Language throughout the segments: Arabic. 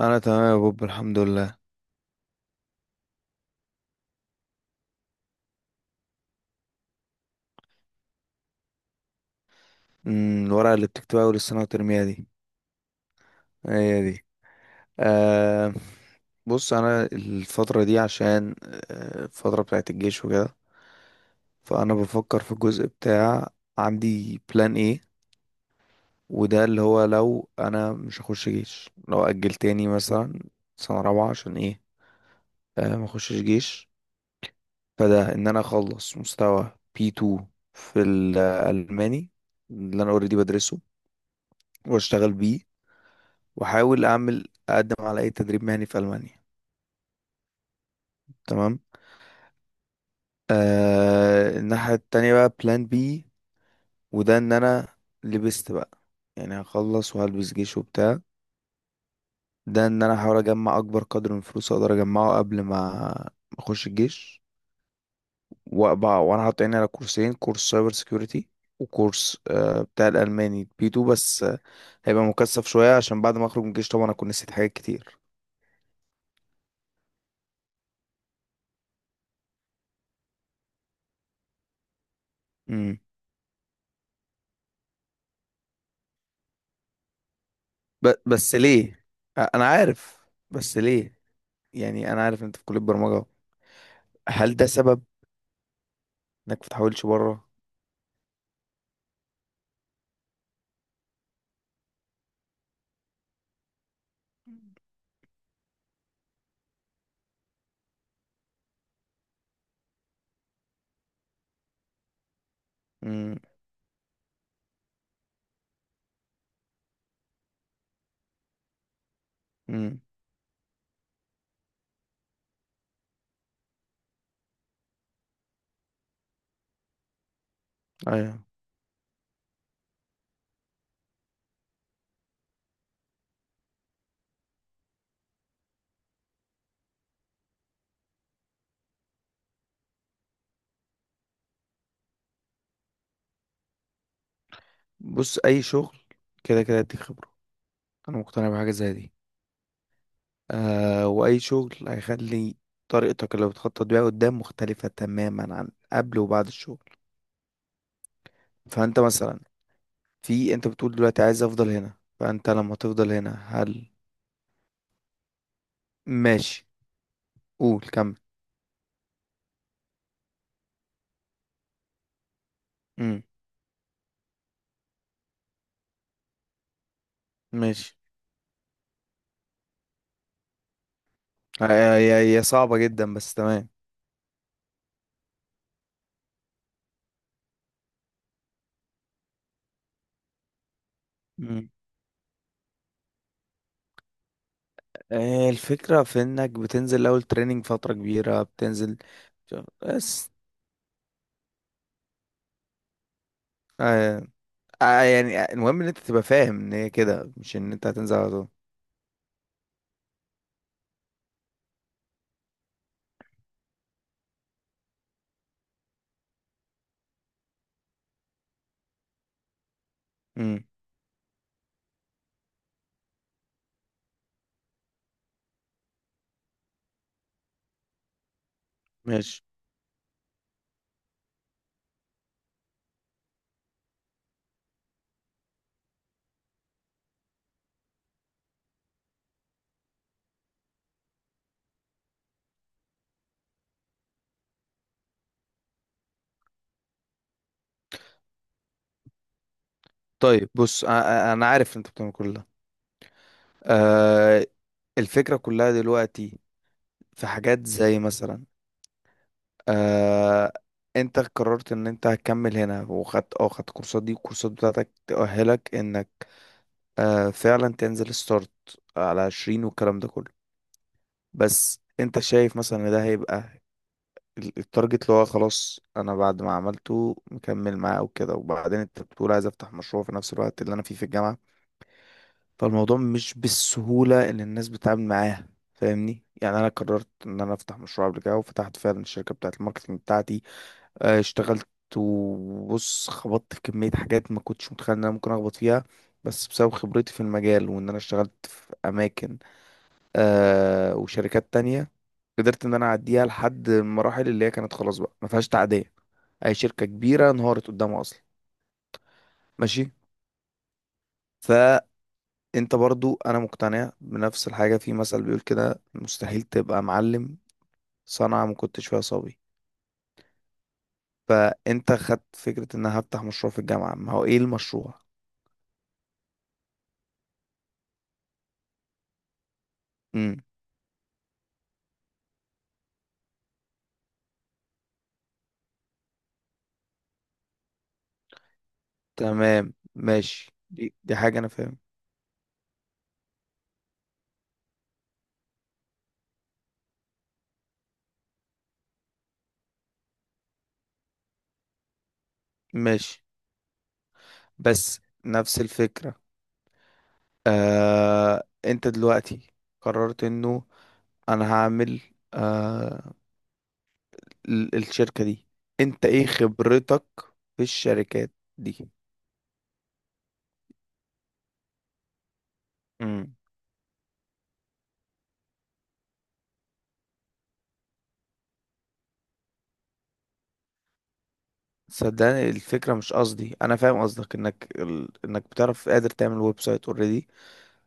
انا تمام يا بوب، الحمد لله. الورقه اللي بتكتبها اول السنه وترميها دي، هي دي. أه، بص انا الفتره دي عشان الفتره بتاعت الجيش وكده، فانا بفكر في الجزء بتاع عندي بلان ايه. وده اللي هو لو انا مش هخش جيش، لو اجل تاني مثلا سنه رابعه، عشان ايه؟ أه، ما اخشش جيش. فده ان انا اخلص مستوى بي 2 في الالماني اللي انا اوريدي بدرسه، واشتغل بيه، واحاول اعمل اقدم على اي تدريب مهني في المانيا. تمام. آه، الناحيه التانية بقى بلان بي، وده ان انا لبست بقى، يعني هخلص وهلبس جيش وبتاع. ده ان انا احاول اجمع اكبر قدر من الفلوس اقدر اجمعه قبل ما اخش الجيش. وانا حاطط عيني على كورسين، كورس سايبر سيكيورتي وكورس بتاع الالماني بي 2. بس هيبقى مكثف شويه عشان بعد ما اخرج من الجيش طبعا اكون نسيت حاجات كتير. امم. بس ليه؟ انا عارف، بس ليه؟ يعني انا عارف إن انت في كلية برمجة. هل ده سبب انك ما تحاولش بره؟ امم. امم. ايوه. بص اي شغل كده كده يديك خبرة، انا مقتنع بحاجة زي دي. آه، واي شغل هيخلي طريقتك اللي بتخطط بيها قدام مختلفة تماما عن قبل وبعد الشغل. فانت مثلا انت بتقول دلوقتي عايز افضل هنا، فانت لما تفضل هنا، هل ماشي؟ قول كمل. امم. ماشي. هي هي صعبة جدا بس تمام. آه، الفكرة في انك بتنزل اول تريننج فترة كبيرة بتنزل. بس آه يعني المهم ان انت تبقى فاهم ان هي كده، مش ان انت هتنزل على طول. امم. ماشي. طيب بص، انا عارف انت بتعمل كل ده. آه، الفكرة كلها دلوقتي في حاجات زي مثلا، آه، انت قررت ان انت هتكمل هنا وخدت اه خدت كورسات دي، والكورسات بتاعتك تأهلك انك فعلا تنزل ستارت على 20 والكلام ده كله. بس انت شايف مثلا ان ده هيبقى التارجت اللي هو خلاص انا بعد ما عملته مكمل معاه وكده، وبعدين انت بتقول عايز افتح مشروع في نفس الوقت اللي انا فيه في الجامعة. فالموضوع مش بالسهولة اللي الناس بتتعامل معاها، فاهمني؟ يعني انا قررت ان انا افتح مشروع قبل كده وفتحت فعلا الشركة بتاعة الماركتنج بتاعتي. اه، اشتغلت. وبص خبطت في كمية حاجات ما كنتش متخيل ان انا ممكن اخبط فيها، بس بسبب خبرتي في المجال وان انا اشتغلت في اماكن وشركات تانية، قدرت ان انا اعديها لحد المراحل اللي هي كانت خلاص بقى ما فيهاش تعدية. اي شركة كبيرة انهارت قدامها اصلا. ماشي. فانت، برضو انا مقتنع بنفس الحاجة، في مثل بيقول كده، مستحيل تبقى معلم صنعة ما كنتش فيها صبي. فانت خدت فكرة ان انا هفتح مشروع في الجامعة، ما هو ايه المشروع. امم. تمام ماشي. دي حاجة انا فاهم. ماشي، بس نفس الفكرة. آه انت دلوقتي قررت انه انا هعمل، آه الشركة دي. انت ايه خبرتك في الشركات دي؟ امم. صدقني الفكرة مش قصدي، انا فاهم قصدك انك ال... انك بتعرف قادر تعمل ويب سايت اوريدي،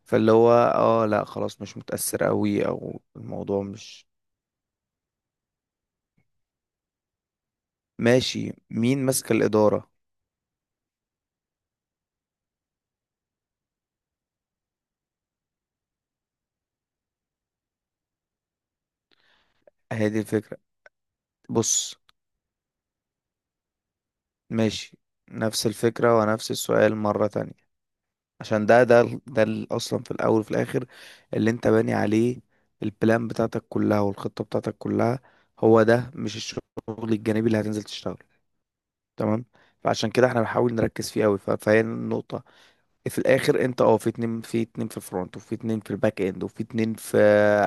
فاللي هو لا خلاص مش متأثر قوي او الموضوع مش. ماشي، مين ماسك الإدارة؟ هي دي الفكرة. بص، ماشي. نفس الفكرة ونفس السؤال مرة تانية، عشان اصلا في الاول وفي الاخر، اللي انت باني عليه البلان بتاعتك كلها والخطة بتاعتك كلها، هو ده مش الشغل الجانبي اللي هتنزل تشتغله؟ تمام. فعشان كده احنا بنحاول نركز فيه قوي، فهي النقطة في الاخر. انت في اتنين، في اتنين في الفرونت، وفي اتنين في الباك اند، وفي اتنين في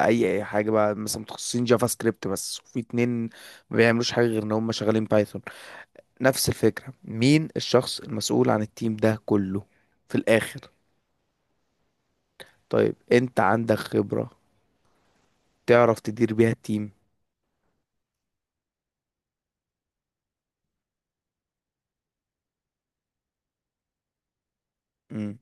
اي حاجة بقى مثلا متخصصين جافا سكريبت بس، وفي اتنين ما بيعملوش حاجة غير ان هم شغالين بايثون. نفس الفكرة، مين الشخص المسؤول عن التيم ده كله في الاخر؟ طيب انت عندك خبرة تعرف تدير بيها التيم؟ امم.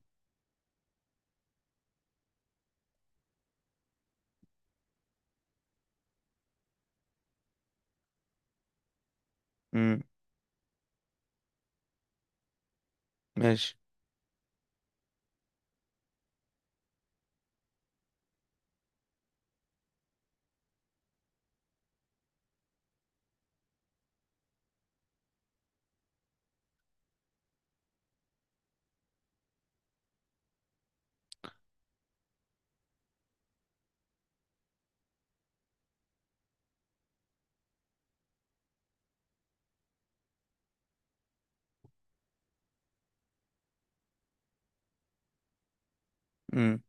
امم. ماشي. امم.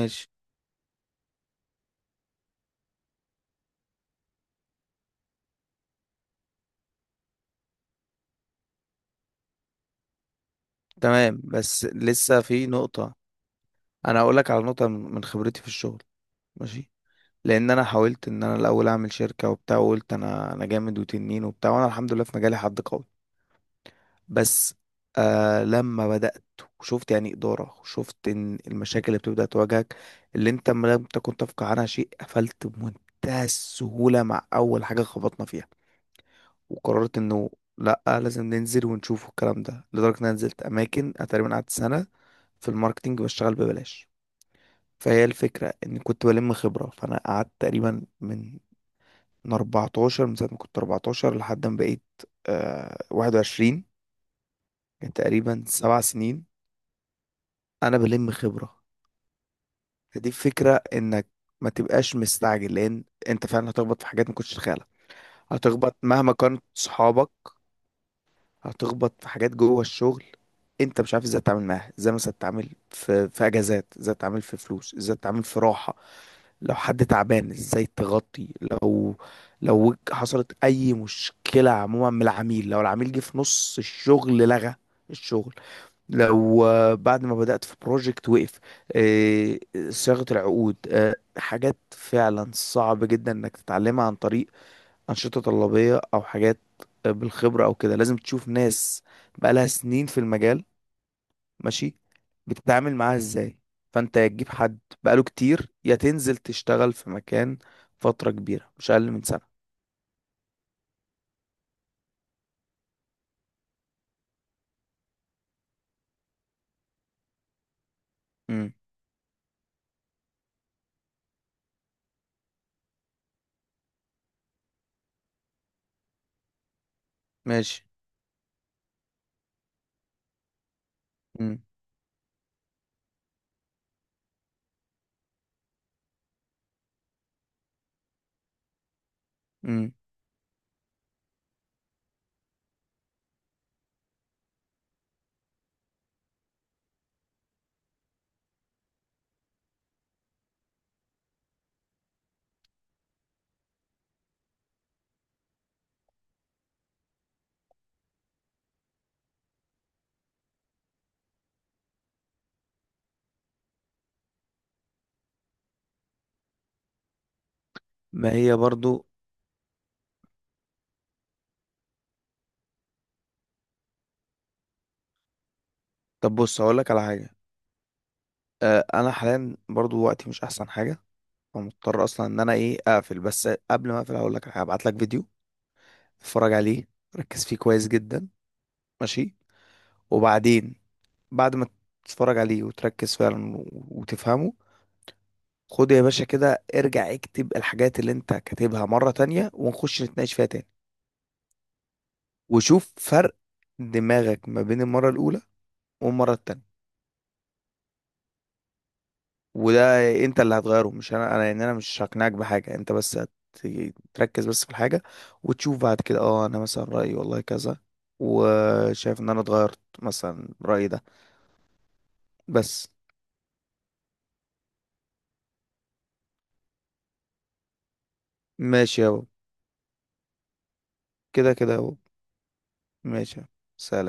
ماشي، تمام. بس لسه في نقطة. انا هقول لك على نقطة من خبرتي في الشغل. ماشي. لان انا حاولت ان انا الاول اعمل شركة وبتاع وقلت انا جامد وتنين وبتاع، وانا الحمد لله في مجالي حد قوي، بس آه لما بدأت وشفت يعني إدارة، وشفت ان المشاكل اللي بتبدأ تواجهك اللي انت ما لم تكن تفقه عنها شيء قفلت بمنتهى السهولة مع اول حاجة خبطنا فيها. وقررت انه لا، لازم ننزل ونشوف الكلام ده، لدرجة ان انا نزلت اماكن. انا تقريبا قعدت سنة في الماركتينج بشتغل ببلاش. فهي الفكرة ان كنت بلم خبرة. فانا قعدت تقريبا من 14، من ساعة ما كنت 14 لحد ما بقيت 21. كان تقريبا 7 سنين انا بلم خبرة. فدي فكرة انك ما تبقاش مستعجل، لان انت فعلا هتخبط في حاجات ما كنتش تتخيلها. هتخبط مهما كانت صحابك. هتخبط في حاجات جوه الشغل انت مش عارف ازاي تتعامل معاها. ازاي مثلا تتعامل في اجازات، ازاي تتعامل في فلوس، ازاي تتعامل في راحة لو حد تعبان، ازاي تغطي لو حصلت اي مشكلة عموما من العميل، لو العميل جه في نص الشغل لغى الشغل، لو بعد ما بدأت في بروجكت وقف، آه، صياغة العقود، حاجات فعلا صعب جدا انك تتعلمها عن طريق أنشطة طلابية أو حاجات، بالخبرة أو كده لازم تشوف ناس بقالها سنين في المجال ماشي بتتعامل معاها إزاي. فأنت يا تجيب حد بقاله كتير، يا تنزل تشتغل في مكان فترة كبيرة مش أقل من سنة. امم. ماشي. امم. امم. ما هي برضو. طب بص هقولك على حاجة، أه أنا حاليا برضو وقتي مش أحسن حاجة، فمضطر أصلا إن أنا إيه أقفل، بس قبل ما أقفل هقولك على حاجة، هبعتلك فيديو اتفرج عليه، ركز فيه كويس جدا. ماشي. وبعدين بعد ما تتفرج عليه وتركز فعلا وتفهمه، خد يا باشا كده ارجع اكتب الحاجات اللي انت كاتبها مرة تانية، ونخش نتناقش فيها تاني. وشوف فرق دماغك ما بين المرة الأولى والمرة التانية. وده انت اللي هتغيره مش انا، انا يعني انا مش هقنعك بحاجة انت، بس تركز بس في الحاجة، وتشوف بعد كده انا مثلا رأيي والله كذا، وشايف ان انا اتغيرت مثلا رأيي ده. بس ماشي يا بابا. كده كده يا بابا. ماشي يا بابا. سلام.